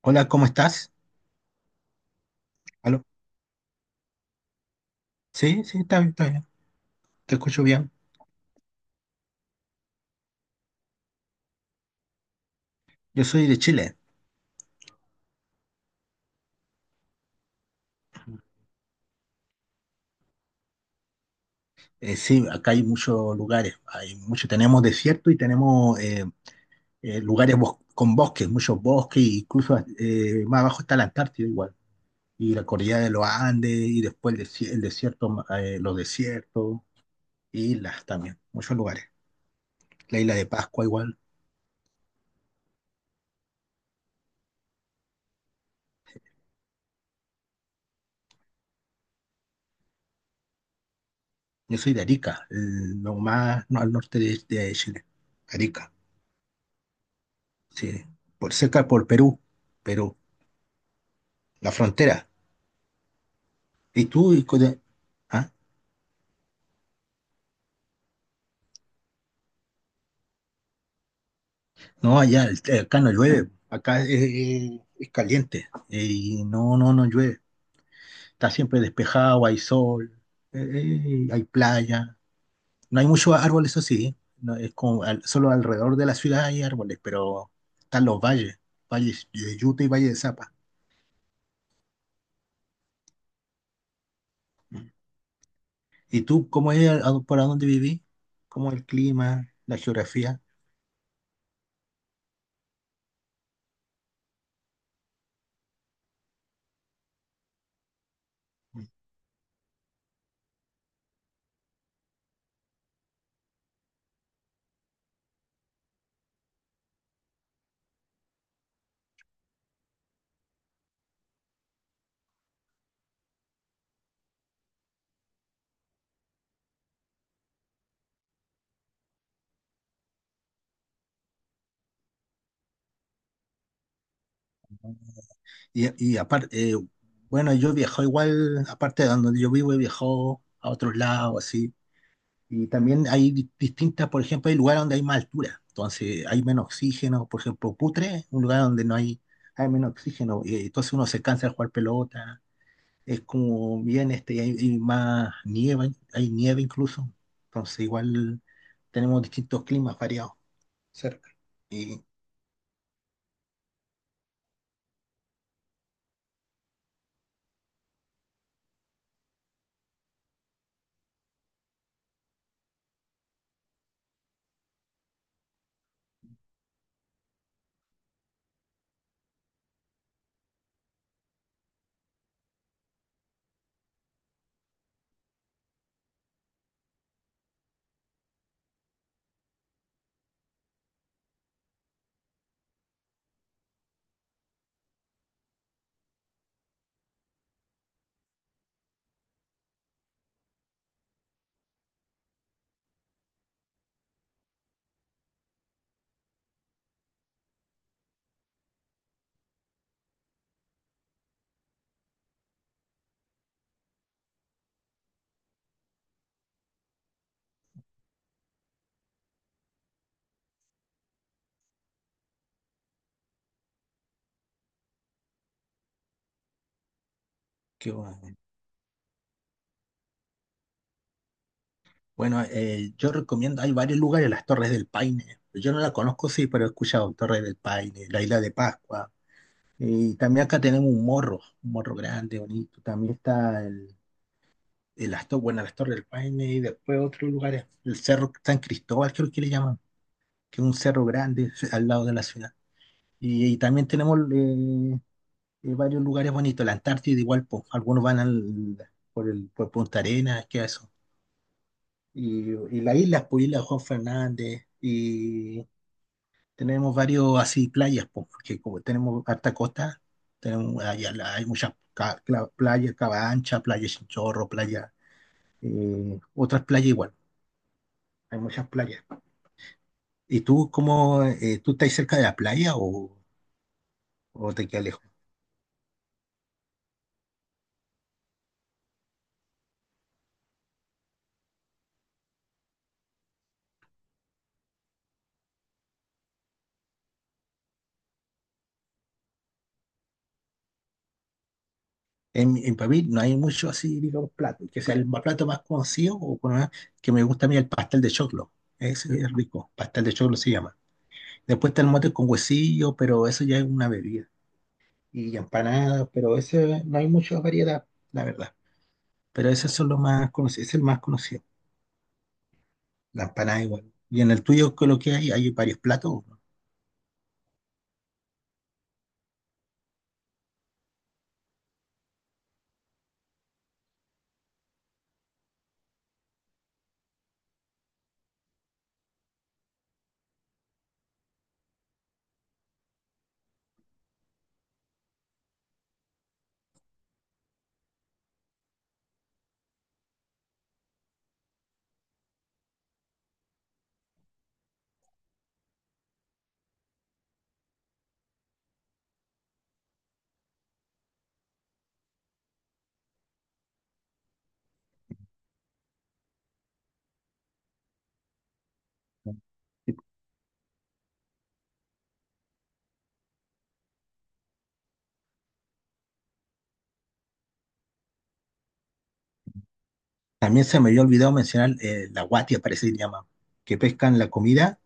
Hola, ¿cómo estás? ¿Aló? Sí, sí, está bien, está bien. Te escucho bien. Yo soy de Chile. Sí, acá hay muchos lugares. Hay mucho, tenemos desierto y tenemos lugares con bosques, muchos bosques, e incluso más abajo está la Antártida igual. Y la cordillera de los Andes, y después el desierto, los desiertos, islas también, muchos lugares. La isla de Pascua igual. Yo soy de Arica, lo más no, al norte de Chile. Arica, sí. Por cerca por Perú. La frontera. Y tú, y co- de- ah, No, allá, acá no llueve, acá es, es caliente, y no llueve. Está siempre despejado, hay sol, eh, hay playa. No hay muchos árboles, eso sí, no, es como solo alrededor de la ciudad hay árboles, pero están los valles, valles de Yuta y Valle de Zapa. ¿Y tú, cómo es, por dónde vivís? ¿Cómo es el clima, la geografía? Y, y aparte, bueno, yo he viajado igual, aparte de donde yo vivo, he viajado a otros lados, así. Y también hay distintas, por ejemplo, hay lugares donde hay más altura, entonces hay menos oxígeno. Por ejemplo, Putre, un lugar donde no hay, hay menos oxígeno, y entonces uno se cansa de jugar pelota. Es como bien, este, hay más nieve, hay nieve incluso. Entonces, igual tenemos distintos climas variados cerca. Y qué bueno. Bueno, yo recomiendo, hay varios lugares, las Torres del Paine. Yo no la conozco, sí, pero he escuchado Torres del Paine, la Isla de Pascua. Y también acá tenemos un morro grande, bonito. También está bueno, las Torres del Paine y después otros lugares. El Cerro San Cristóbal, creo que le llaman, que es un cerro grande al lado de la ciudad. Y también tenemos varios lugares bonitos, la Antártida igual, po. Algunos van por Punta Arenas, que eso y, y las islas, pues Isla Juan Fernández, y tenemos varios así playas, po, porque como tenemos harta costa, tenemos allá hay muchas playas, Cabancha, playa Chinchorro, playa, otras playas igual, hay muchas playas. ¿Y tú cómo, tú estás cerca de la playa o, te quedas lejos? En Pavil no hay mucho así, digamos, plato, que sea plato más conocido que me gusta a mí el pastel de choclo. Ese es rico, pastel de choclo se llama. Después está el mote con huesillo, pero eso ya es una bebida. Y empanadas, pero ese no hay mucha variedad, la verdad. Pero esos son los más conocidos, es el más conocido, la empanada igual. Y en el tuyo, ¿qué es lo que hay? Hay varios platos, ¿no? También se me había olvidado mencionar la guatia, parece que se llama, que pescan la comida,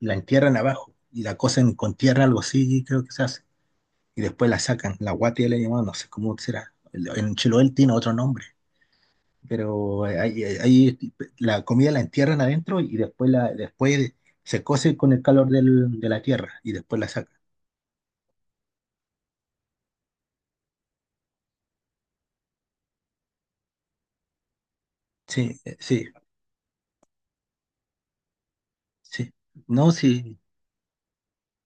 la entierran abajo y la cocen con tierra, algo así, creo que se hace. Y después la sacan, la guatia le llamamos, no sé cómo será. En Chiloé tiene otro nombre. Pero ahí la comida la entierran adentro y después, después se cose con el calor de la tierra y después la sacan. Sí, sí, sí. No, sí.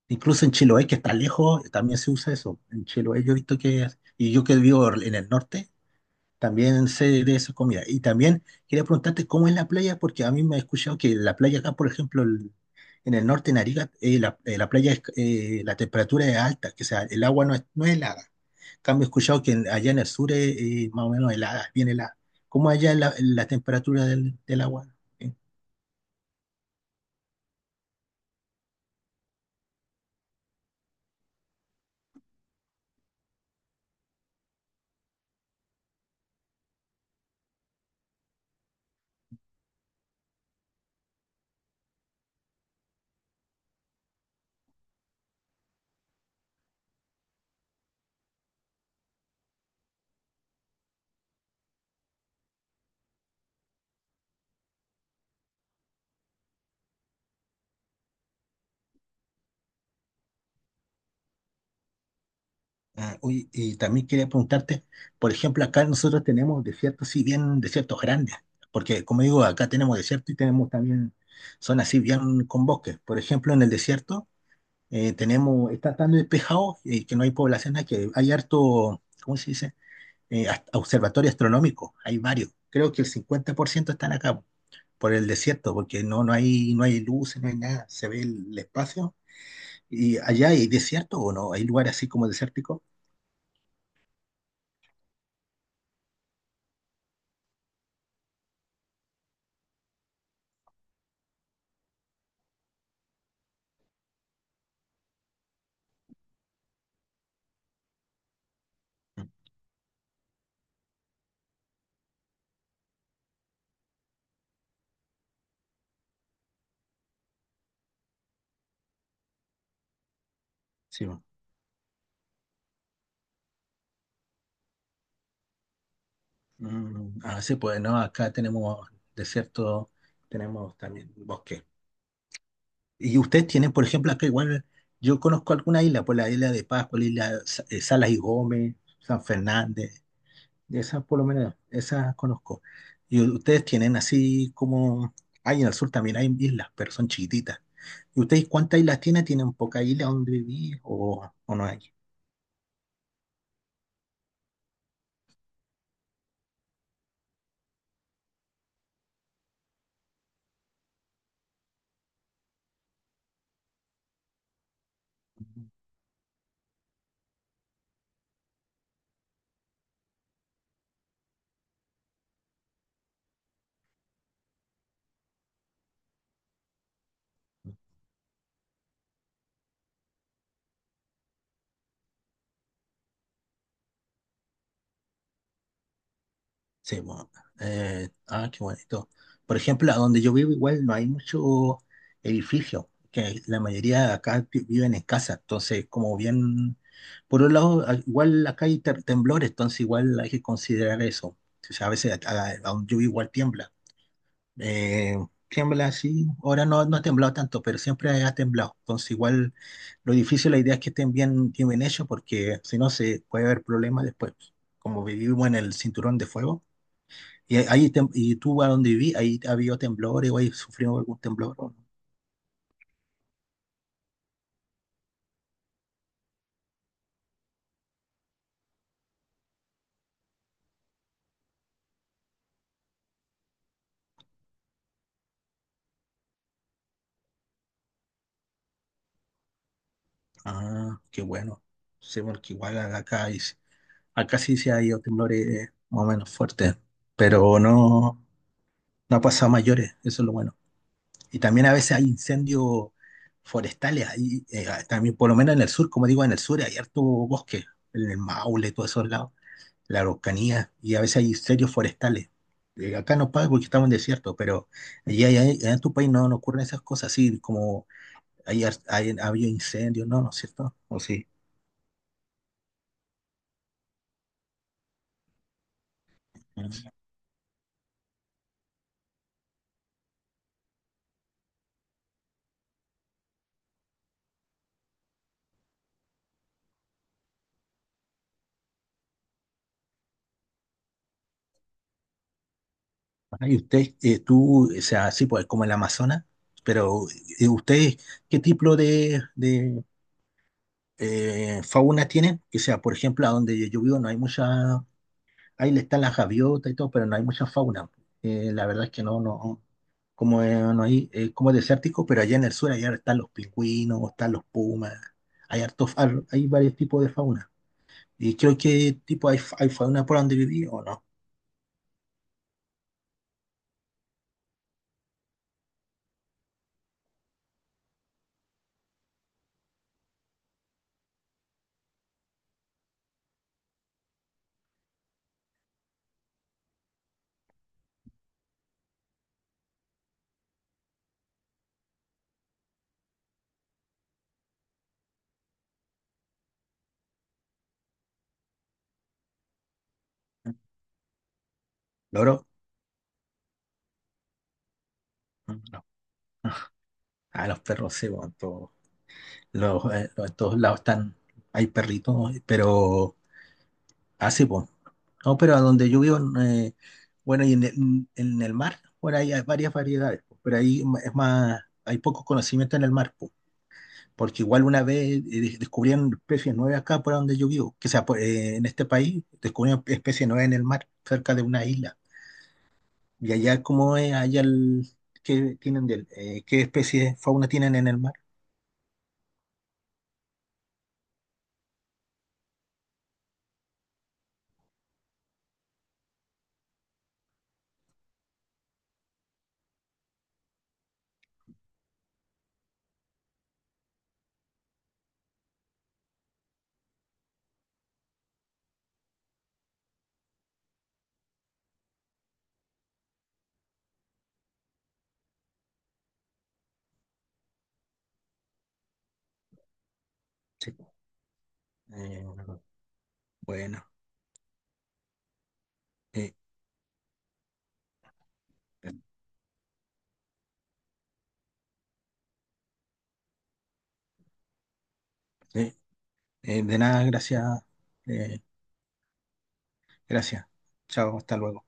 Incluso en Chiloé, que está lejos, también se usa eso. En Chiloé yo he visto que, y yo que vivo en el norte, también sé de esa comida. Y también quería preguntarte cómo es la playa, porque a mí me he escuchado que la playa acá, por ejemplo, en el norte, en Arica, la playa, es, la temperatura es alta, que sea, el agua no es, helada. Cambio, he escuchado que allá en el sur es, más o menos helada, bien helada. ¿Cómo allá la temperatura del agua? Eh, Oye, y también quería preguntarte, por ejemplo, acá nosotros tenemos desiertos, sí, bien desiertos grandes, porque como digo, acá tenemos desierto y tenemos también zonas así bien con bosques. Por ejemplo, en el desierto tenemos, está tan despejado que no hay poblaciones, que hay harto, ¿cómo se dice? Observatorio astronómico, hay varios. Creo que el 50% están acá por el desierto, porque no, no hay luces, no hay nada, se ve el espacio. ¿Y allá hay desierto o no? ¿Hay lugares así como desérticos? Sí, bo. Mm, ah, sí, pues no, acá tenemos desierto, tenemos también bosque. Y ustedes tienen, por ejemplo, acá igual, yo conozco alguna isla, por la isla de Pascua, la isla Salas y Gómez, San Fernández. Esas por lo menos, esas conozco. Y ustedes tienen así como, hay en el sur también hay islas, pero son chiquititas. ¿Y ustedes cuántas islas tienen? ¿Tienen pocas islas donde vivir o no hay? Sí, bueno. Qué bonito. Por ejemplo, a donde yo vivo igual no hay mucho edificio, que la mayoría de acá viven en casa, entonces como bien, por un lado, igual acá hay temblores, entonces igual hay que considerar eso. O sea, a veces a donde yo vivo igual tiembla. Eh, Tiembla así. Ahora no ha temblado tanto, pero siempre ha temblado. Entonces, igual lo difícil, la idea es que estén bien, bien bien hechos, porque si no, se puede haber problemas después. Como vivimos en el cinturón de fuego, y tú a donde viví, ahí ha habido temblores o ahí sufrió algún temblor, ¿o no? Ah, qué bueno. Sí, porque igual acá, acá sí se ha ido temblores más o menos fuertes, pero no ha pasado a mayores. Eso es lo bueno. Y también a veces hay incendios forestales, ahí, también por lo menos en el sur, como digo, en el sur hay harto bosque, en el Maule, todos esos lados, la Araucanía, y a veces hay incendios forestales. Acá no pasa porque estamos en desierto, pero allá en tu país no ocurren esas cosas, así como hay, ha habido incendios, no, ¿no es cierto? O sí. Ah, y usted, tú, o sea, sí, pues como el Amazonas, pero usted, ¿qué tipo de fauna tienen, que sea, por ejemplo, a donde yo vivo no hay mucha, ahí le están las gaviotas y todo, pero no hay mucha fauna. La verdad es que como no hay, como es desértico, pero allá en el sur allá están los pingüinos, están los pumas, hay hartos, hay varios tipos de fauna. Y creo que tipo hay fauna por donde viví o no. ¿Loro? No. Ah, los perros se van. Estos lados están, hay perritos, pero así, pues. No, pero a donde yo vivo, bueno, y en en el mar, por ahí hay varias variedades, po, pero ahí es más, hay poco conocimiento en el mar, po, porque igual una vez descubrieron especies nuevas acá por donde yo vivo, que sea, en este país descubrieron especies nuevas en el mar, cerca de una isla. Y allá, ¿cómo es allá qué tienen qué especies de fauna tienen en el mar? Sí, po. Eh, bueno. eh, Sí. De nada, gracias. eh, Gracias. Chao, hasta luego.